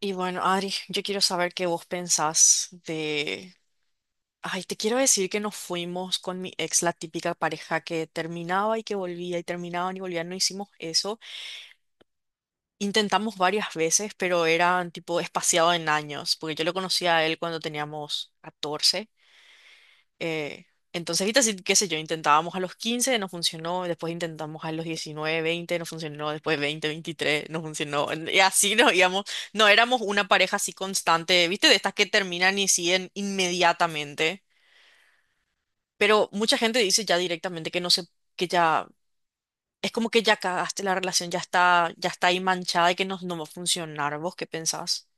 Y bueno, Adri, yo quiero saber qué vos pensás de... Ay, te quiero decir que nos fuimos con mi ex, la típica pareja que terminaba y que volvía y terminaban y volvían. No hicimos eso. Intentamos varias veces, pero eran tipo espaciado en años, porque yo lo conocí a él cuando teníamos 14 eh, entonces, ahorita sí, qué sé yo, intentábamos a los 15, no funcionó, después intentamos a los 19, 20, no funcionó, después 20, 23, no funcionó, y así nos íbamos, no éramos una pareja así constante, ¿viste? De estas que terminan y siguen inmediatamente, pero mucha gente dice ya directamente que no sé, que ya, es como que ya cagaste la relación, ya está ahí manchada y que no, no va a funcionar. ¿Vos qué pensás?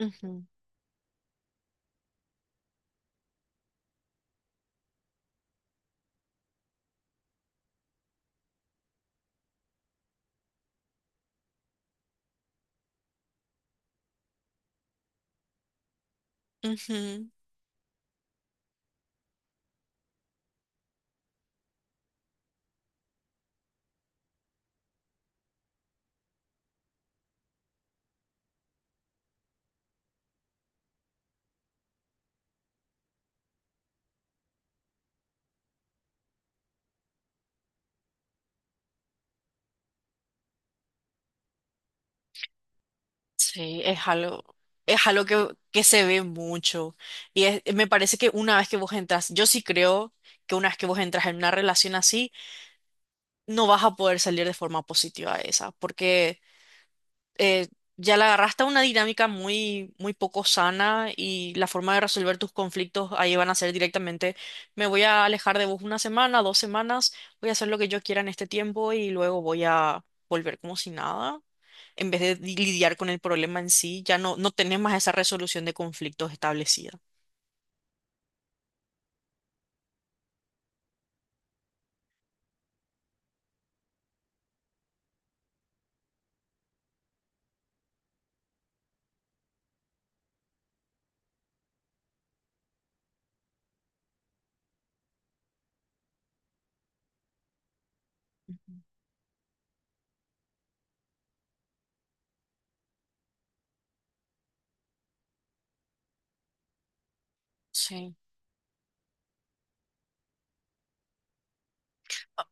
Ujú, ujú. Sí, es algo que se ve mucho. Me parece que una vez que vos entras, yo sí creo que una vez que vos entras en una relación así, no vas a poder salir de forma positiva de esa, porque eh, ya la agarraste a una dinámica muy, muy poco sana y la forma de resolver tus conflictos ahí van a ser directamente, me voy a alejar de vos una semana, dos semanas, voy a hacer lo que yo quiera en este tiempo y luego voy a volver como si nada, en vez de lidiar con el problema en sí, ya no, no tenés más esa resolución de conflictos establecida. Sí.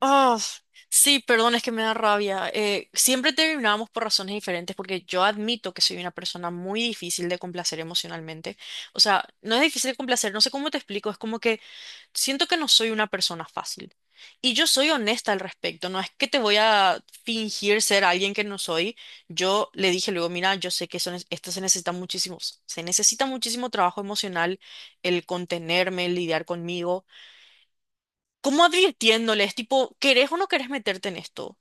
Ah, sí, perdón, es que me da rabia. Siempre terminábamos por razones diferentes porque yo admito que soy una persona muy difícil de complacer emocionalmente. O sea, no es difícil de complacer, no sé cómo te explico, es como que siento que no soy una persona fácil. Y yo soy honesta al respecto, no es que te voy a fingir ser alguien que no soy. Yo le dije luego, mira, yo sé que eso, esto se necesita muchísimo trabajo emocional, el contenerme, el lidiar conmigo. Como advirtiéndoles, tipo, ¿querés o no querés meterte en esto?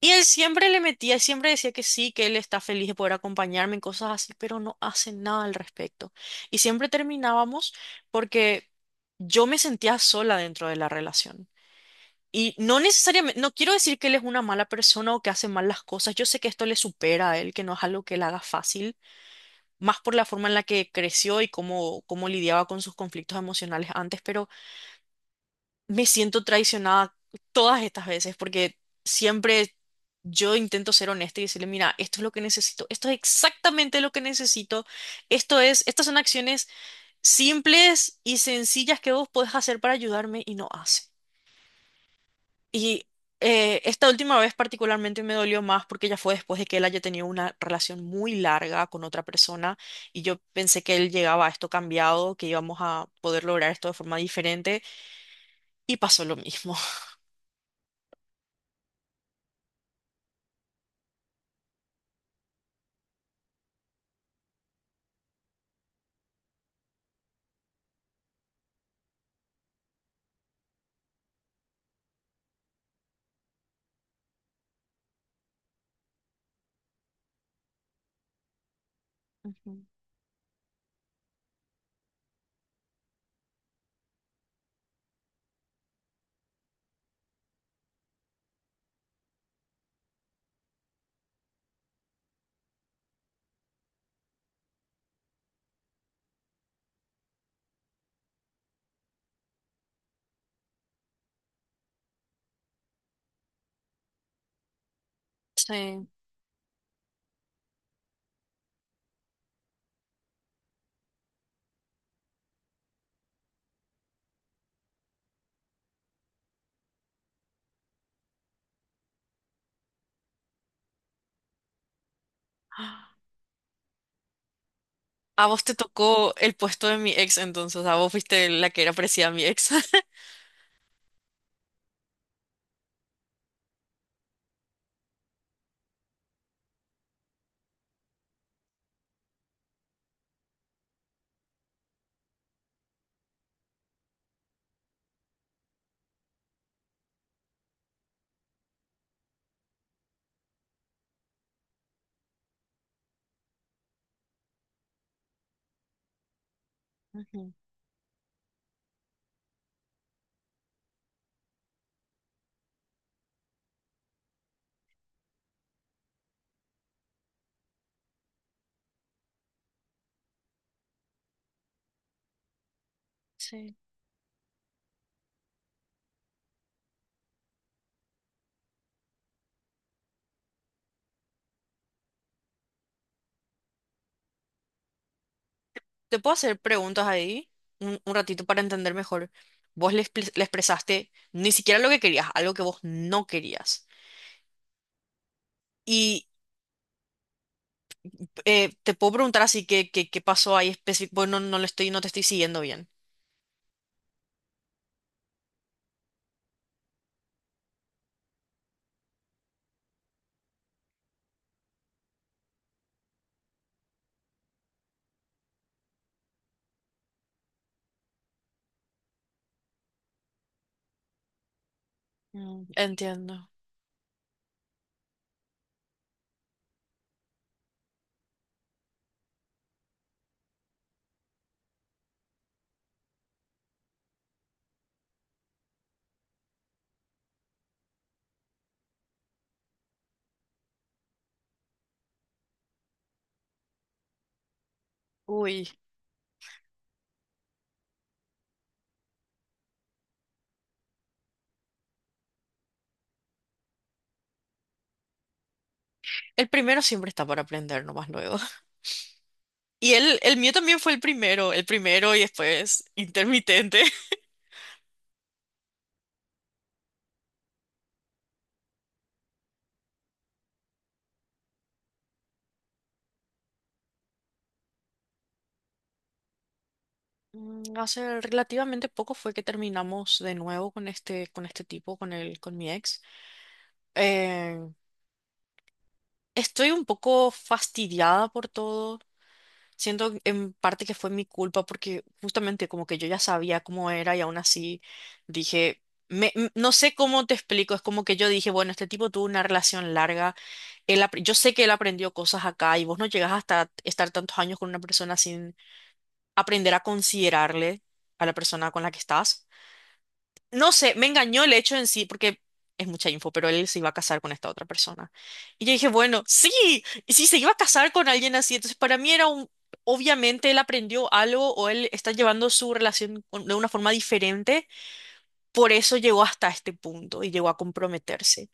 Y él siempre le metía, siempre decía que sí, que él está feliz de poder acompañarme en cosas así, pero no hace nada al respecto. Y siempre terminábamos porque yo me sentía sola dentro de la relación. Y no necesariamente, no quiero decir que él es una mala persona o que hace mal las cosas. Yo sé que esto le supera a él, que no es algo que él haga fácil, más por la forma en la que creció y cómo, cómo lidiaba con sus conflictos emocionales antes, pero me siento traicionada todas estas veces porque siempre yo intento ser honesta y decirle, mira, esto es lo que necesito, esto es exactamente lo que necesito, esto es, estas son acciones simples y sencillas que vos podés hacer para ayudarme y no hace. Y Esta última vez particularmente me dolió más porque ya fue después de que él haya tenido una relación muy larga con otra persona y yo pensé que él llegaba a esto cambiado, que íbamos a poder lograr esto de forma diferente y pasó lo mismo. Ujú. Sí. A vos te tocó el puesto de mi ex, entonces, a vos fuiste la que era parecida a mi ex. Ujú, sí. ¿Te puedo hacer preguntas ahí un ratito para entender mejor? Vos le, le expresaste ni siquiera lo que querías, algo que vos no querías. Y te puedo preguntar así que, qué pasó ahí específico. Bueno, no, no le estoy, no te estoy siguiendo bien. Mm, entiendo. Uy, el primero siempre está para aprender nomás luego. Y el mío también fue el primero y después intermitente. Mm, hace relativamente poco fue que terminamos de nuevo con este tipo, con el, con mi ex. Eh, Estoy un poco fastidiada por todo. Siento en parte que fue mi culpa porque justamente como que yo ya sabía cómo era y aún así dije, no sé cómo te explico, es como que yo dije, bueno, este tipo tuvo una relación larga, yo sé que él aprendió cosas acá y vos no llegas hasta estar tantos años con una persona sin aprender a considerarle a la persona con la que estás. No sé, me engañó el hecho en sí, porque es mucha info, pero él se iba a casar con esta otra persona. Y yo dije, bueno, sí, y si se iba a casar con alguien así, entonces para mí era un, obviamente él aprendió algo o él está llevando su relación de una forma diferente, por eso llegó hasta este punto y llegó a comprometerse.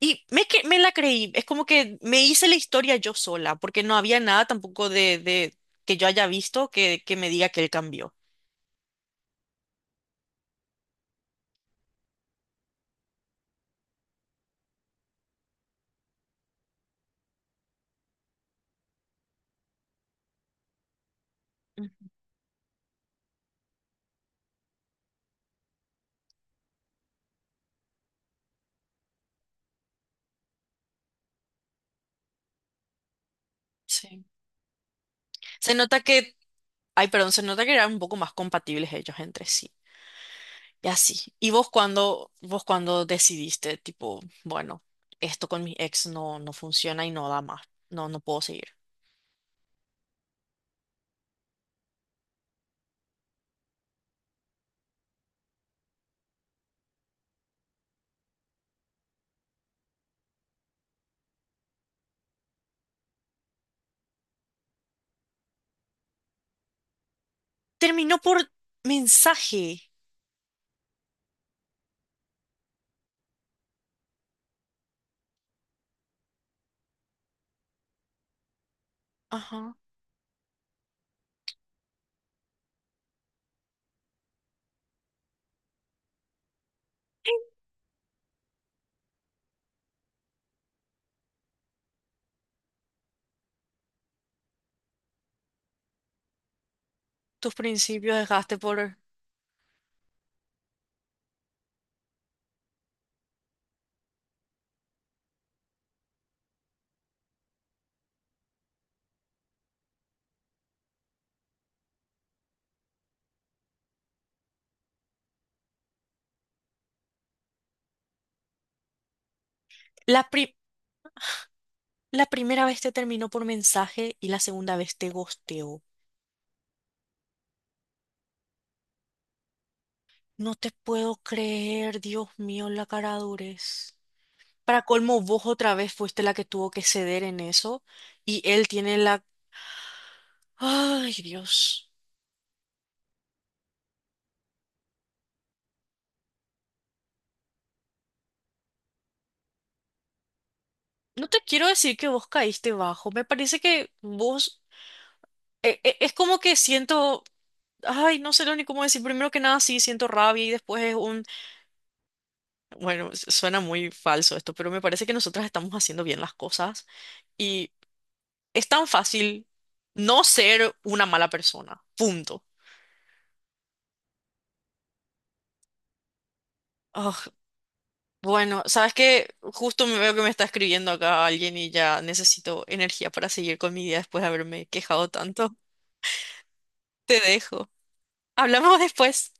Me la creí, es como que me hice la historia yo sola, porque no había nada tampoco de, de que yo haya visto que me diga que él cambió. Ujú. Sí. Se nota que Ay, perdón, se nota que eran un poco más compatibles ellos entre sí. Y así. ¿Y vos cuando decidiste, tipo, bueno, esto con mi ex no, no funciona y no da más. No, no puedo seguir. Terminó por mensaje. Ajá. Tus principios dejaste por... La pri- la primera vez te terminó por mensaje y la segunda vez te gosteó. No te puedo creer, Dios mío, la cara durez. Para colmo, vos otra vez fuiste la que tuvo que ceder en eso y él tiene la... Ay, Dios. No te quiero decir que vos caíste bajo. Me parece que vos... es como que siento... Ay, no sé lo ni cómo decir. Primero que nada, sí, siento rabia y después es un... Bueno, suena muy falso esto, pero me parece que nosotras estamos haciendo bien las cosas y es tan fácil no ser una mala persona. Punto. Ah, bueno, sabes que justo me veo que me está escribiendo acá alguien y ya necesito energía para seguir con mi día después de haberme quejado tanto. Te dejo. Hablamos después.